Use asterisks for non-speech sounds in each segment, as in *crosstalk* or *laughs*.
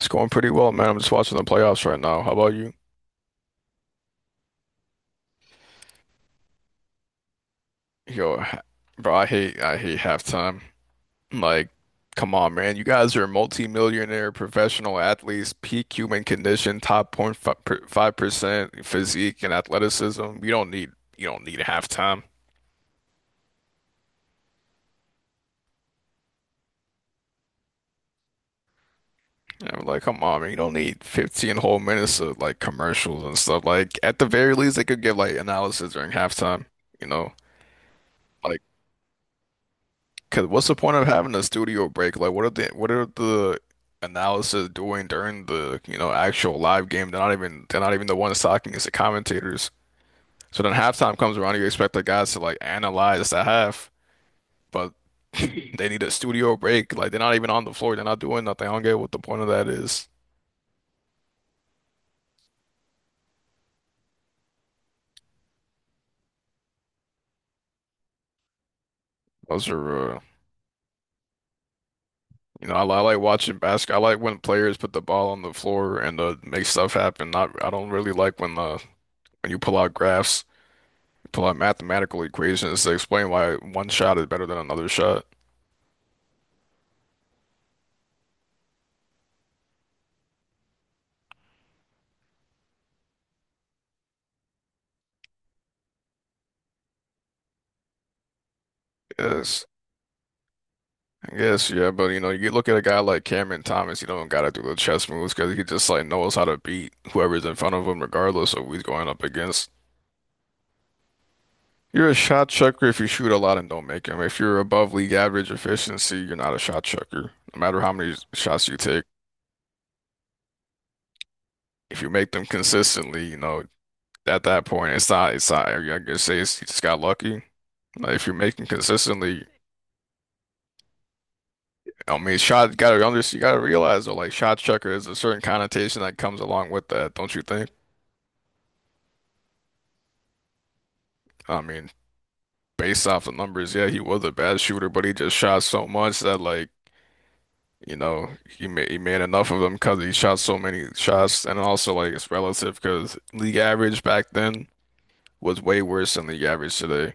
It's going pretty well, man. I'm just watching the playoffs right now. How about you? Yo, ha- Bro, I hate halftime. Like, come on, man. You guys are multimillionaire professional athletes, peak human condition, top point 5% physique and athleticism. You don't need halftime. And I'm like, come on, man. You don't need 15 whole minutes of like commercials and stuff. Like, at the very least, they could give like analysis during halftime, you know? Like, Cause what's the point of having a studio break? Like, what are the analysis doing during the actual live game? They're not even the ones talking. It's the commentators. So then halftime comes around, you expect the guys to like analyze the half, but *laughs* they need a studio break. Like they're not even on the floor. They're not doing nothing. I don't get what the point of that is. Those are I like watching basketball. I like when players put the ball on the floor and make stuff happen. Not I don't really like when when you pull out graphs to like mathematical equations to explain why one shot is better than another shot. Yes, I guess, yeah, but you know, you look at a guy like Cameron Thomas, you don't gotta do the chess moves because he just like knows how to beat whoever's in front of him, regardless of who he's going up against. You're a shot chucker if you shoot a lot and don't make them. If you're above league average efficiency, you're not a shot chucker. No matter how many shots you take, if you make them consistently, you know, at that point, it's not, I guess say it's, you just got lucky. Like, if you make them consistently, I mean, shot gotta under you gotta realize though, like shot chucker is a certain connotation that comes along with that, don't you think? I mean, based off the numbers, yeah, he was a bad shooter, but he just shot so much that like, you know, he made enough of them because he shot so many shots, and also like it's relative because league average back then was way worse than league average today.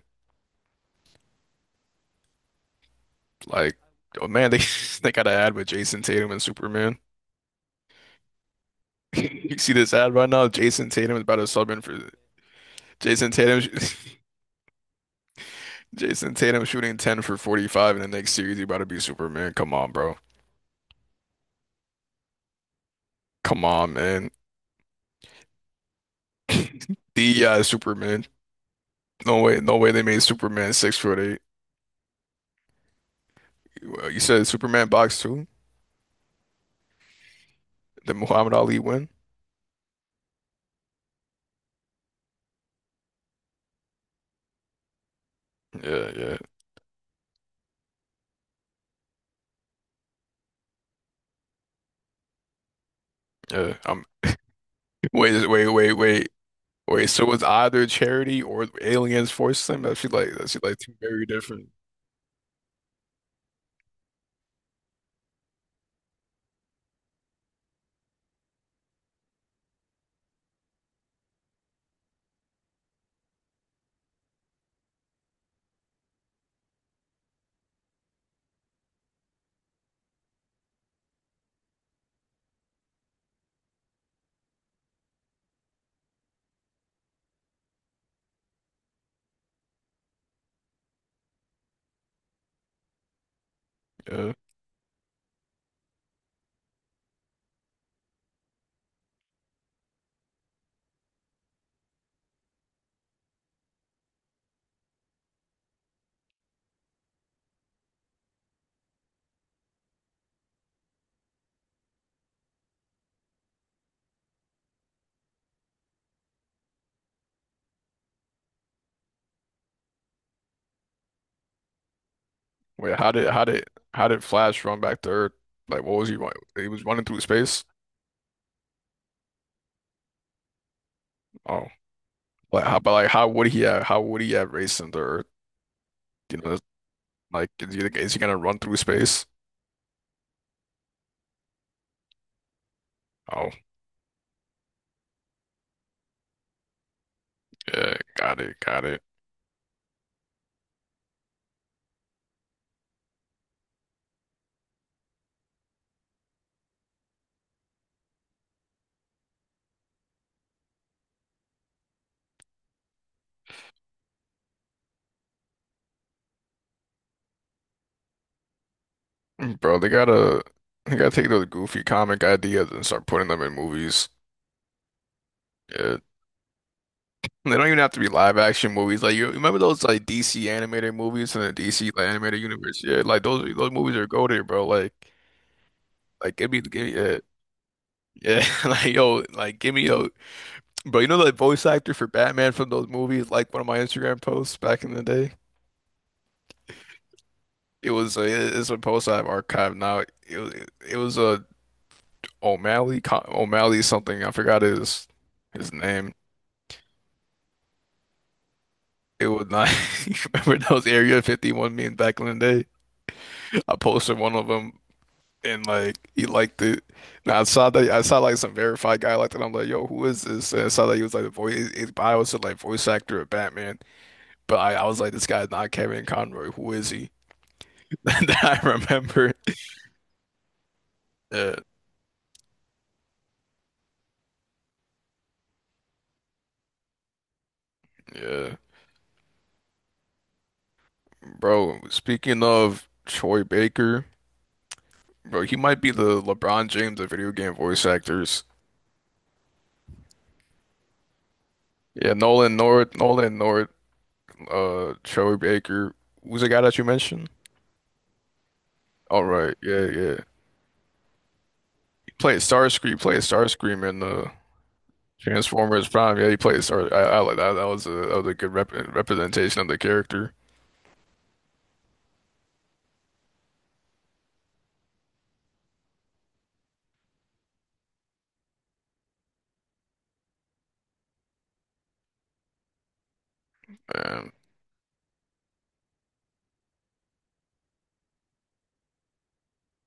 Like, oh man, they *laughs* they got an ad with Jason Tatum and Superman. *laughs* You see this ad right now? Jason Tatum is about to sub in for Jason Tatum. *laughs* Jason Tatum shooting 10 for 45 in the next series. You about to be Superman. Come on, bro. Come on, man. *laughs* The Superman. No way they made Superman 6 foot eight. Well, you said Superman box two? Did Muhammad Ali win? Yeah, yeah, yeah. Wait, wait, wait, wait, wait. So it's either charity or aliens forced him? That's like two very different. Yeah. Wait, how did Flash run back to Earth? Like, what was he running? He was running through space. Oh. Like how, but like how would he have how would he have raced into Earth? You know, like is he gonna run through space? Oh yeah, mm, bro. They gotta take those goofy comic ideas and start putting them in movies. Yeah, they don't even have to be live action movies. Like you remember those like DC animated movies in the DC like animated universe? Yeah, like those movies are goated, bro. Like give me yeah. Yeah, *laughs* like yo, bro. You know the voice actor for Batman from those movies, like one of my Instagram posts back in the day. It was a, it's a post I've archived now. It was it was a O'Malley O'Malley something. I forgot his name. It was not. *laughs* You remember those Area 51 memes back in the day? I posted one of them and like he liked it. Now I saw like some verified guy liked it. I'm like, yo, who is this? And I saw that he was like the voice. His bio said like voice actor of Batman. But I was like, this guy's not Kevin Conroy. Who is he? *laughs* That I remember. Yeah, yeah. Bro, speaking of Troy Baker, bro, he might be the LeBron James of video game voice actors. Yeah, Nolan North, Troy Baker. Who's the guy that you mentioned? All right, yeah, yeah. He played Starscream in Transformers Prime. Yeah, he played Star. I like that. That was a good representation of the character. Um,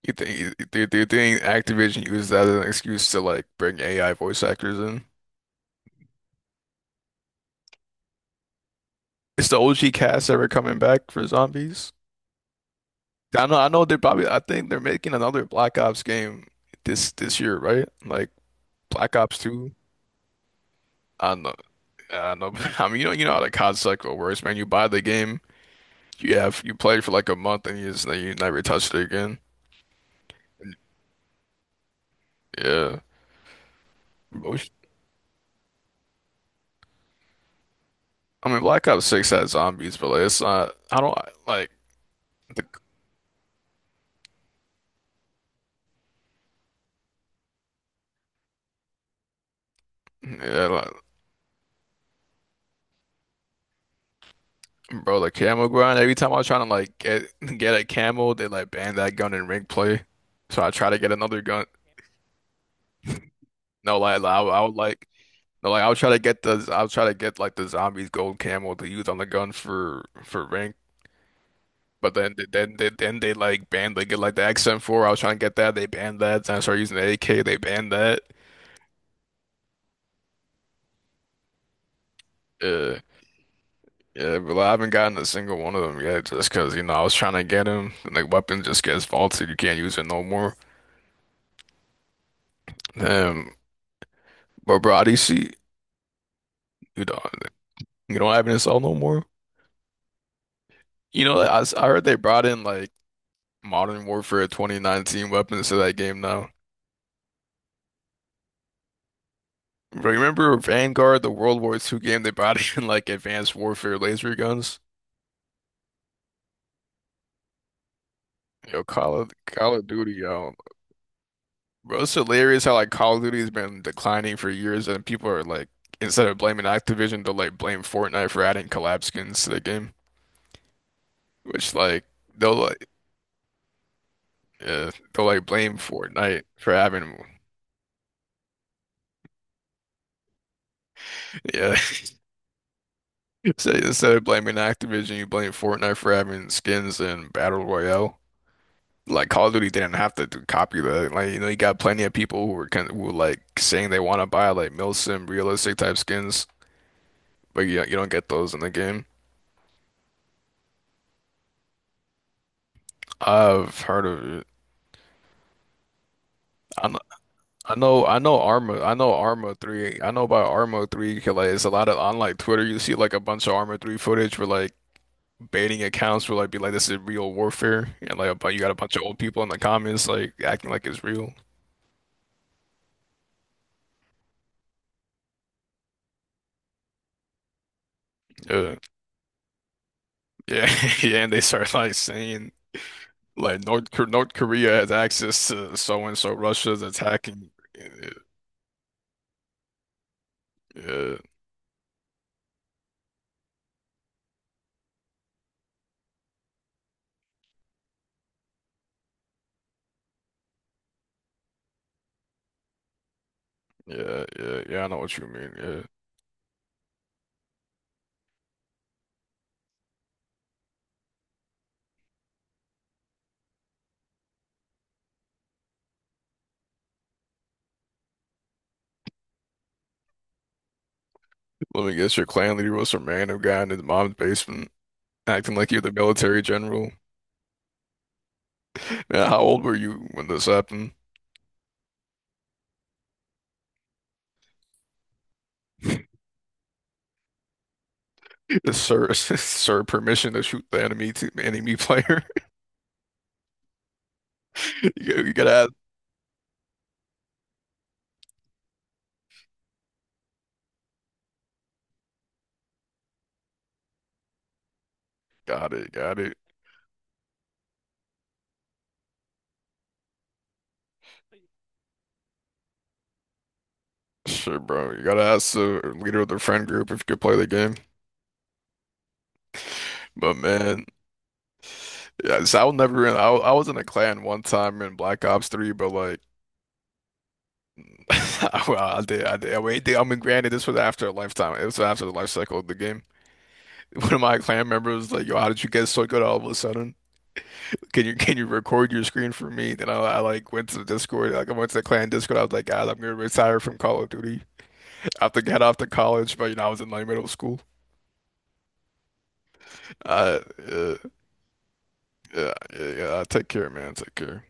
you think Activision used that as an excuse to like bring AI voice actors in? Is the OG cast ever coming back for zombies? I know they're probably. I think they're making another Black Ops game this year, right? Like Black Ops 2. I know, I know. *laughs* I mean, you know how the COD cycle works, man. You buy the game, you play for like a month, and you never touched it again. Yeah, I mean, Black Ops 6 had zombies, but like, it's not. I don't like the. Yeah, like, bro, the camo grind. Every time I was trying to like get a camo, they like banned that gun in ring play. So I try to get another gun. No, like I would like. No, like I'll try to get the I'll try to get like the zombies gold camel to use on the gun for rank, but then they like banned they get like the XM4. I was trying to get that, they banned that. Then I started using the AK, they banned that. Yeah, yeah, but like I haven't gotten a single one of them yet, just because you know I was trying to get them. And, like weapon just gets faulted, you can't use it no more. Um, but bro, how do see you don't have an assault no more. You know, I heard they brought in like Modern Warfare 2019 weapons to that game now. Remember Vanguard, the World War II game they brought *laughs* in like advanced warfare laser guns? Yo, Call of Duty, yo. Bro, it's hilarious how like Call of Duty has been declining for years and people are like instead of blaming Activision, they'll like blame Fortnite for adding collab skins to the game. Which like they'll like yeah, they'll like blame Fortnite for having yeah. *laughs* So instead of blaming Activision, you blame Fortnite for having skins in Battle Royale. Like Call of Duty didn't have copy that. Like you know, you got plenty of people who were who were like saying they want to buy like milsim realistic type skins, but you don't get those in the game. I've heard of it. I know I know Arma 3. I know about Arma 3 'cause, like it's a lot of on like Twitter you see like a bunch of Arma 3 footage where like baiting accounts will like be like this is real warfare and like but you got a bunch of old people in the comments like acting like it's real. Yeah. Yeah. *laughs* Yeah, and they start like saying like North Korea has access to so and so. Russia's attacking. Yeah, yeah, yeah, I know what you mean. Yeah. Let me guess, your clan leader was some random guy in his mom's basement, acting like you're the military general. Now, how old were you when this happened? *laughs* Sir, *laughs* sir, permission to shoot the enemy to enemy player. *laughs* You gotta ask. Got it, got it. Sure, bro. You gotta ask the leader of the friend group if you could play the game. But man. Yeah, so I was never in. I was in a clan one time in Black Ops 3, but like, *laughs* I, I did, I did, I wait, I mean, granted, this was after a lifetime. It was after the life cycle of the game. *laughs* One of my clan members was like, "Yo, how did you get so good all of a sudden? Can you record your screen for me?" Then I like went to the Discord, like I went to the clan Discord. I was like, "Guys, I'm gonna retire from Call of Duty. *laughs* I have to get off to college." But you know, I was in like middle school. Uh, yeah, yeah, yeah. Take care, man. Take care.